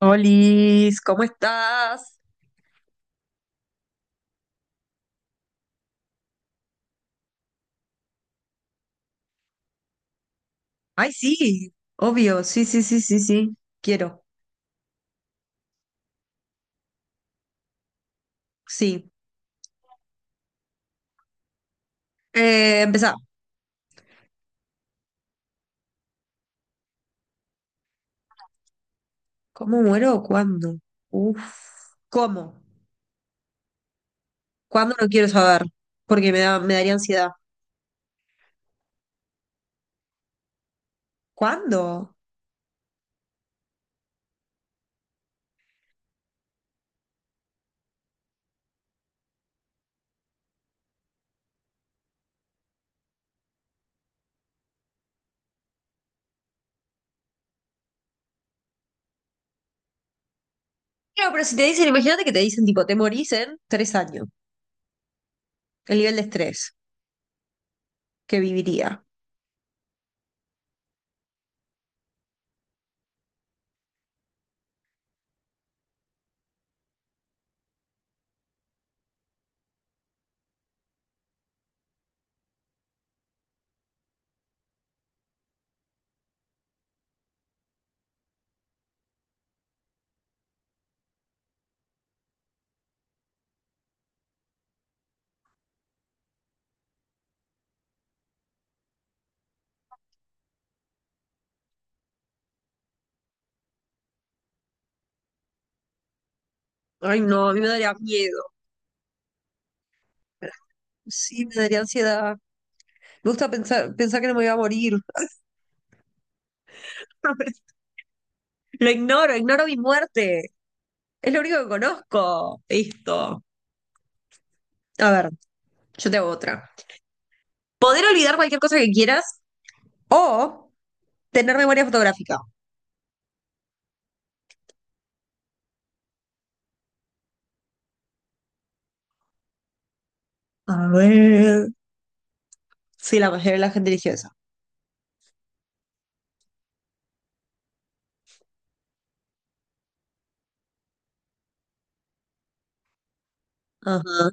Olis, ¿cómo estás? Ay, sí, obvio, sí, sí, sí, sí, sí, quiero, sí. Empezá. ¿Cómo muero o cuándo? Uf, ¿cómo? ¿Cuándo no quiero saber? Porque me daría ansiedad. ¿Cuándo? Claro, pero si te dicen, imagínate que te dicen, tipo, te morís en 3 años, el nivel de estrés que viviría. Ay, no, a mí me daría miedo. Sí, me daría ansiedad. Me gusta pensar que no me iba a morir. Lo ignoro, ignoro mi muerte. Es lo único que conozco. Listo. A ver, yo te hago otra. Poder olvidar cualquier cosa que quieras o tener memoria fotográfica. A ver. Sí, la mayoría de la gente eligió esa. Ajá.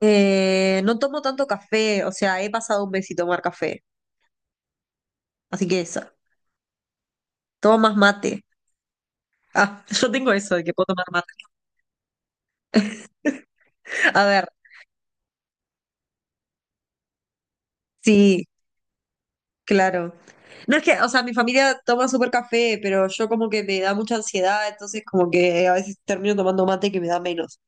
No tomo tanto café, o sea, he pasado un mes sin tomar café. Así que esa. Tomo más mate. Ah, yo tengo eso de que puedo tomar mate. A ver, sí, claro. No es que, o sea, mi familia toma súper café, pero yo como que me da mucha ansiedad, entonces como que a veces termino tomando mate que me da menos.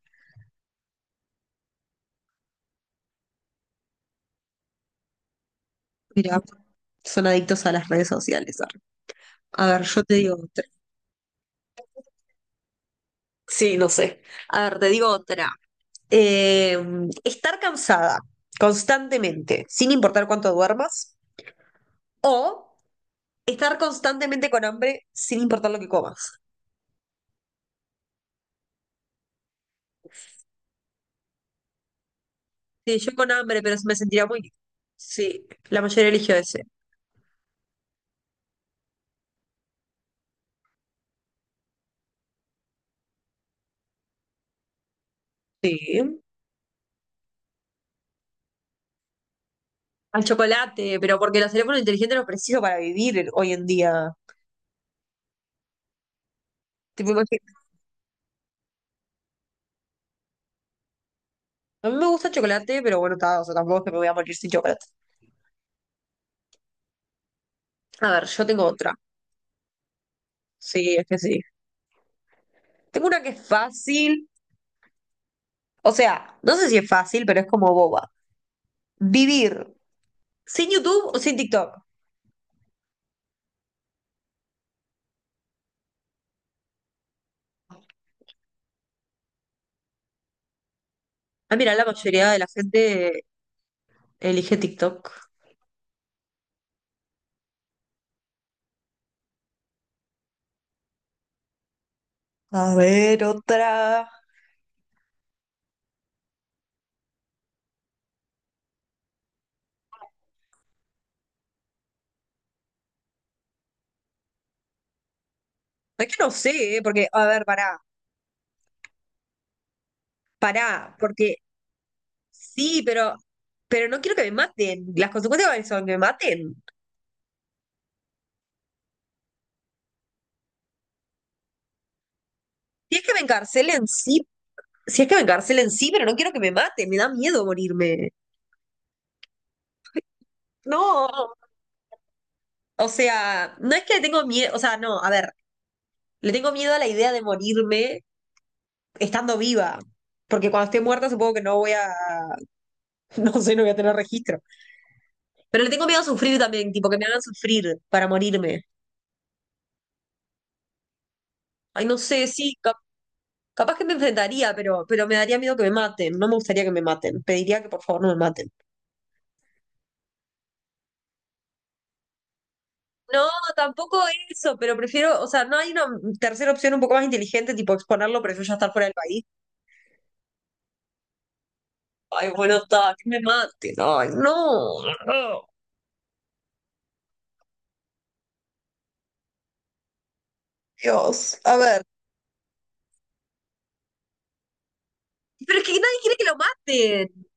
Mira, son adictos a las redes sociales. Arre. A ver, yo te digo otra. Sí, no sé. A ver, te digo otra. Eh, estar cansada constantemente, sin importar cuánto duermas, o estar constantemente con hambre, sin importar lo que comas. Sí, yo con hambre, pero me sentiría muy. Sí, la mayoría eligió ese. Sí. Al chocolate, pero porque los teléfonos inteligentes los preciso para vivir hoy en día. Tipo, imagi- A mí me gusta el chocolate, pero bueno, ta, o sea, tampoco es que me voy a morir sin chocolate. A ver, yo tengo otra. Sí, es que sí. Tengo una que es fácil. O sea, no sé si es fácil, pero es como boba. Vivir sin YouTube o sin TikTok. Ah, mira, la mayoría de la gente elige TikTok. A ver, otra. Es que no sé, ¿eh? Porque, a ver, pará, pará, porque sí, pero no quiero que me maten. Las consecuencias son que me maten. Si es que me encarcelen, sí, si es que me encarcelen, sí, pero no quiero que me maten, me da miedo morirme. No. O sea, no es que le tengo miedo, o sea, no, a ver, le tengo miedo a la idea de morirme estando viva, porque cuando esté muerta supongo que no voy a, no sé, no voy a tener registro. Pero le tengo miedo a sufrir también, tipo, que me hagan sufrir para morirme. Ay, no sé, sí, capaz que me enfrentaría, pero me daría miedo que me maten, no me gustaría que me maten, pediría que por favor no me maten. No, tampoco eso, pero prefiero, o sea, no hay una tercera opción un poco más inteligente, tipo exponerlo, pero yo ya estar fuera del país. Ay, bueno, está, que me maten. Ay, no. Dios, a ver, pero es que nadie quiere que lo maten.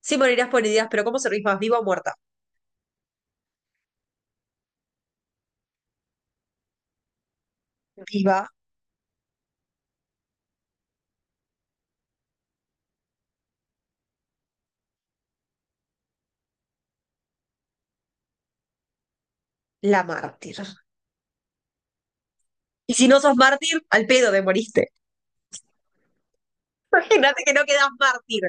Sí, morirás por heridas, pero ¿cómo servís más, viva o muerta? Viva la mártir. Y si no sos mártir, al pedo te moriste. Imagínate que no quedas mártir.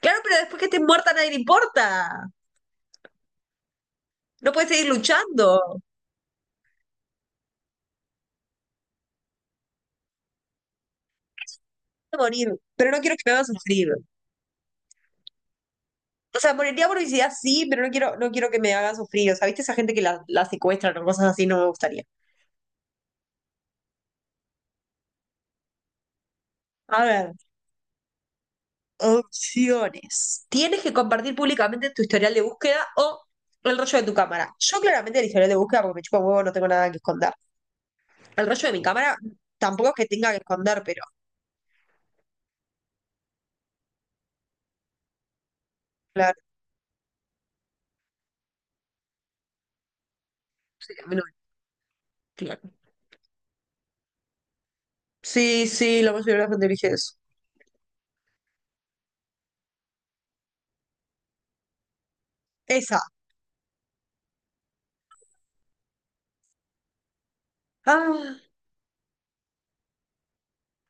Claro, pero después que estés muerta a nadie le importa. No puedes seguir luchando. Quiero morir, pero no quiero que me hagas sufrir. O sea, moriría por obesidad, sí, pero no quiero que me hagan sufrir. O sea, ¿viste esa gente que la secuestran o cosas así? No me gustaría. A ver. Opciones. Tienes que compartir públicamente tu historial de búsqueda o el rollo de tu cámara. Yo claramente el historial de búsqueda porque me chupa un huevo, no tengo nada que esconder. El rollo de mi cámara tampoco es que tenga que esconder, pero claro. Sí, a mí no me- claro. Sí, sí, la mayoría de la gente elige eso. Esa. Ah,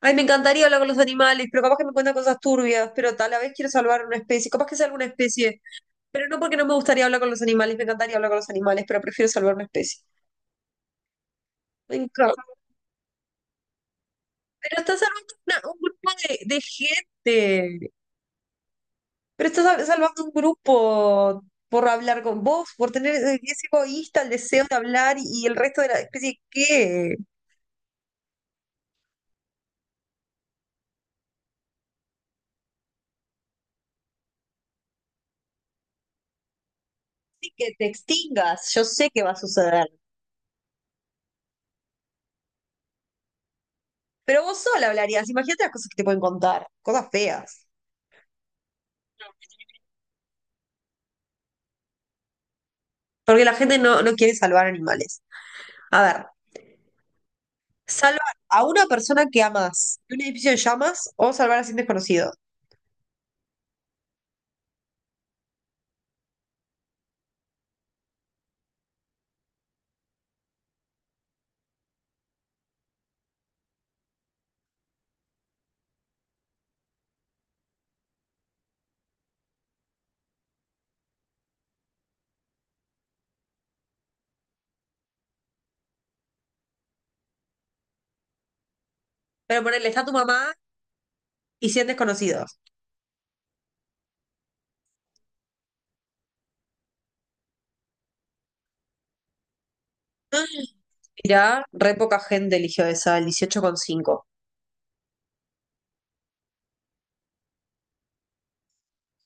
ay, me encantaría hablar con los animales, pero capaz que me cuentan cosas turbias, pero tal a la vez quiero salvar una especie, capaz que sea alguna especie, pero no porque no me gustaría hablar con los animales, me encantaría hablar con los animales, pero prefiero salvar una especie. Me encanta. Pero estás salvando un grupo de gente. Pero estás salvando un grupo por hablar con vos, por tener ese egoísta, el deseo de hablar y el resto de la especie, ¿qué? Sí, que te extingas, yo sé que va a suceder. Pero vos sola hablarías, imagínate las cosas que te pueden contar, cosas feas. Porque la gente no quiere salvar animales. A ver, salvar a una persona que amas de un edificio en llamas o salvar a 100 desconocidos. Pero ponele, está tu mamá y 100 desconocidos. No. Mirá, re poca gente eligió esa, el 18,5.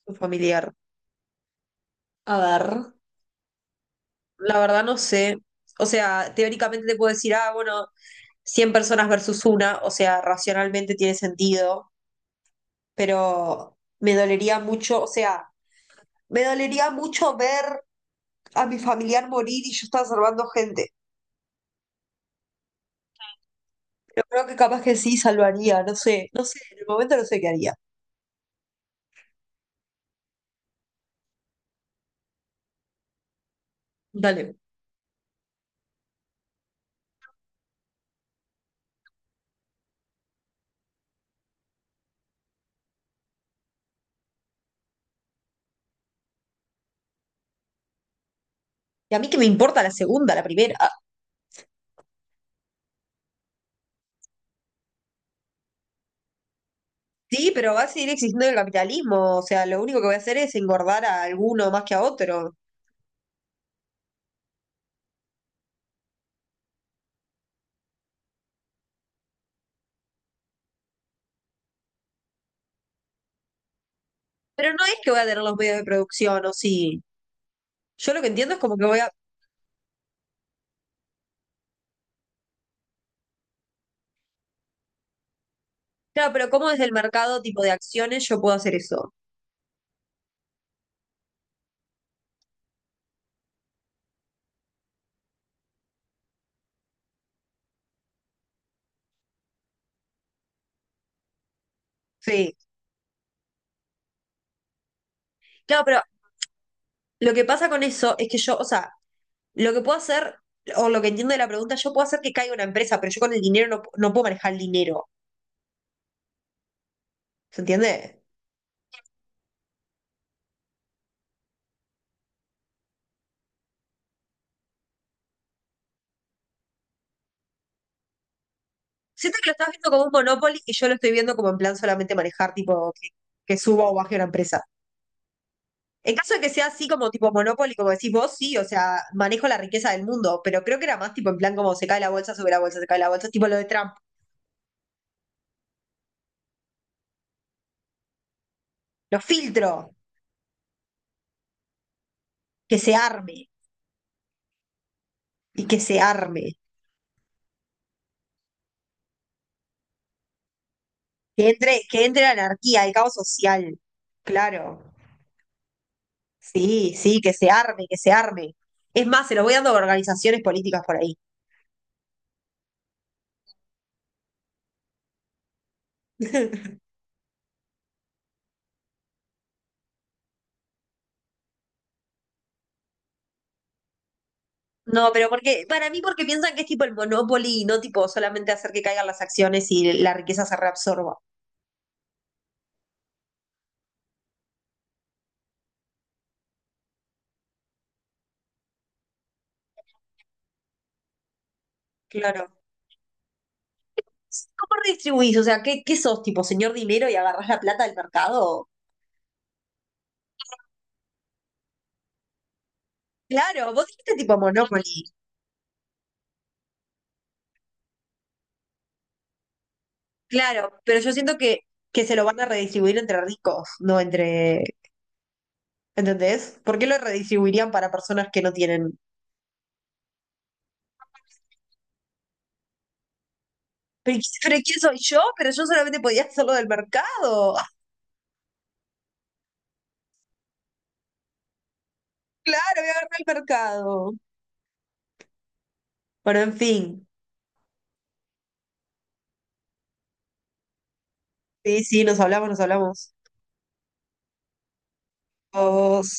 Un familiar. A ver. La verdad no sé. O sea, teóricamente te puedo decir, ah, bueno, 100 personas versus una, o sea, racionalmente tiene sentido, pero me dolería mucho, o sea, me dolería mucho ver a mi familiar morir y yo estar salvando gente. Pero creo que capaz que sí salvaría, no sé, no sé, en el momento no sé qué haría. Dale. Y a mí que me importa la segunda, la primera. Sí, pero va a seguir existiendo el capitalismo, o sea, lo único que voy a hacer es engordar a alguno más que a otro. Pero no es que voy a tener los medios de producción, o sí. Yo lo que entiendo es como que voy a. Claro, pero ¿cómo desde el mercado tipo de acciones yo puedo hacer eso? Sí. Claro, pero lo que pasa con eso es que yo, o sea, lo que puedo hacer, o lo que entiendo de la pregunta, yo puedo hacer que caiga una empresa, pero yo con el dinero no puedo manejar el dinero. ¿Se entiende? Siento que lo estás viendo como un monopoly y yo lo estoy viendo como en plan solamente manejar, tipo, que suba o baje una empresa. En caso de que sea así como tipo Monopoly, como decís vos, sí, o sea, manejo la riqueza del mundo, pero creo que era más tipo en plan como se cae la bolsa, sube la bolsa, se cae la bolsa, tipo lo de Trump. Lo filtro, que se arme, y que se arme, que entre la anarquía, el caos social. Claro, sí, sí, que se arme, que se arme. Es más, se lo voy dando a organizaciones políticas por ahí. No, pero porque, para mí, porque piensan que es tipo el Monopoly y no tipo solamente hacer que caigan las acciones y la riqueza se reabsorba. Claro. ¿Cómo redistribuís? O sea, ¿qué sos, tipo, señor dinero y agarrás la plata del mercado? Claro, vos dijiste tipo Monopoly. Claro, pero yo siento que se lo van a redistribuir entre ricos, no entre. ¿Entendés? ¿Por qué lo redistribuirían para personas que no tienen? ¿Pero quién soy yo? Pero yo solamente podía hacerlo del mercado. Ah, claro, voy a agarrar el mercado. Bueno, en fin. Sí, sí, nos hablamos, nos hablamos. Vos.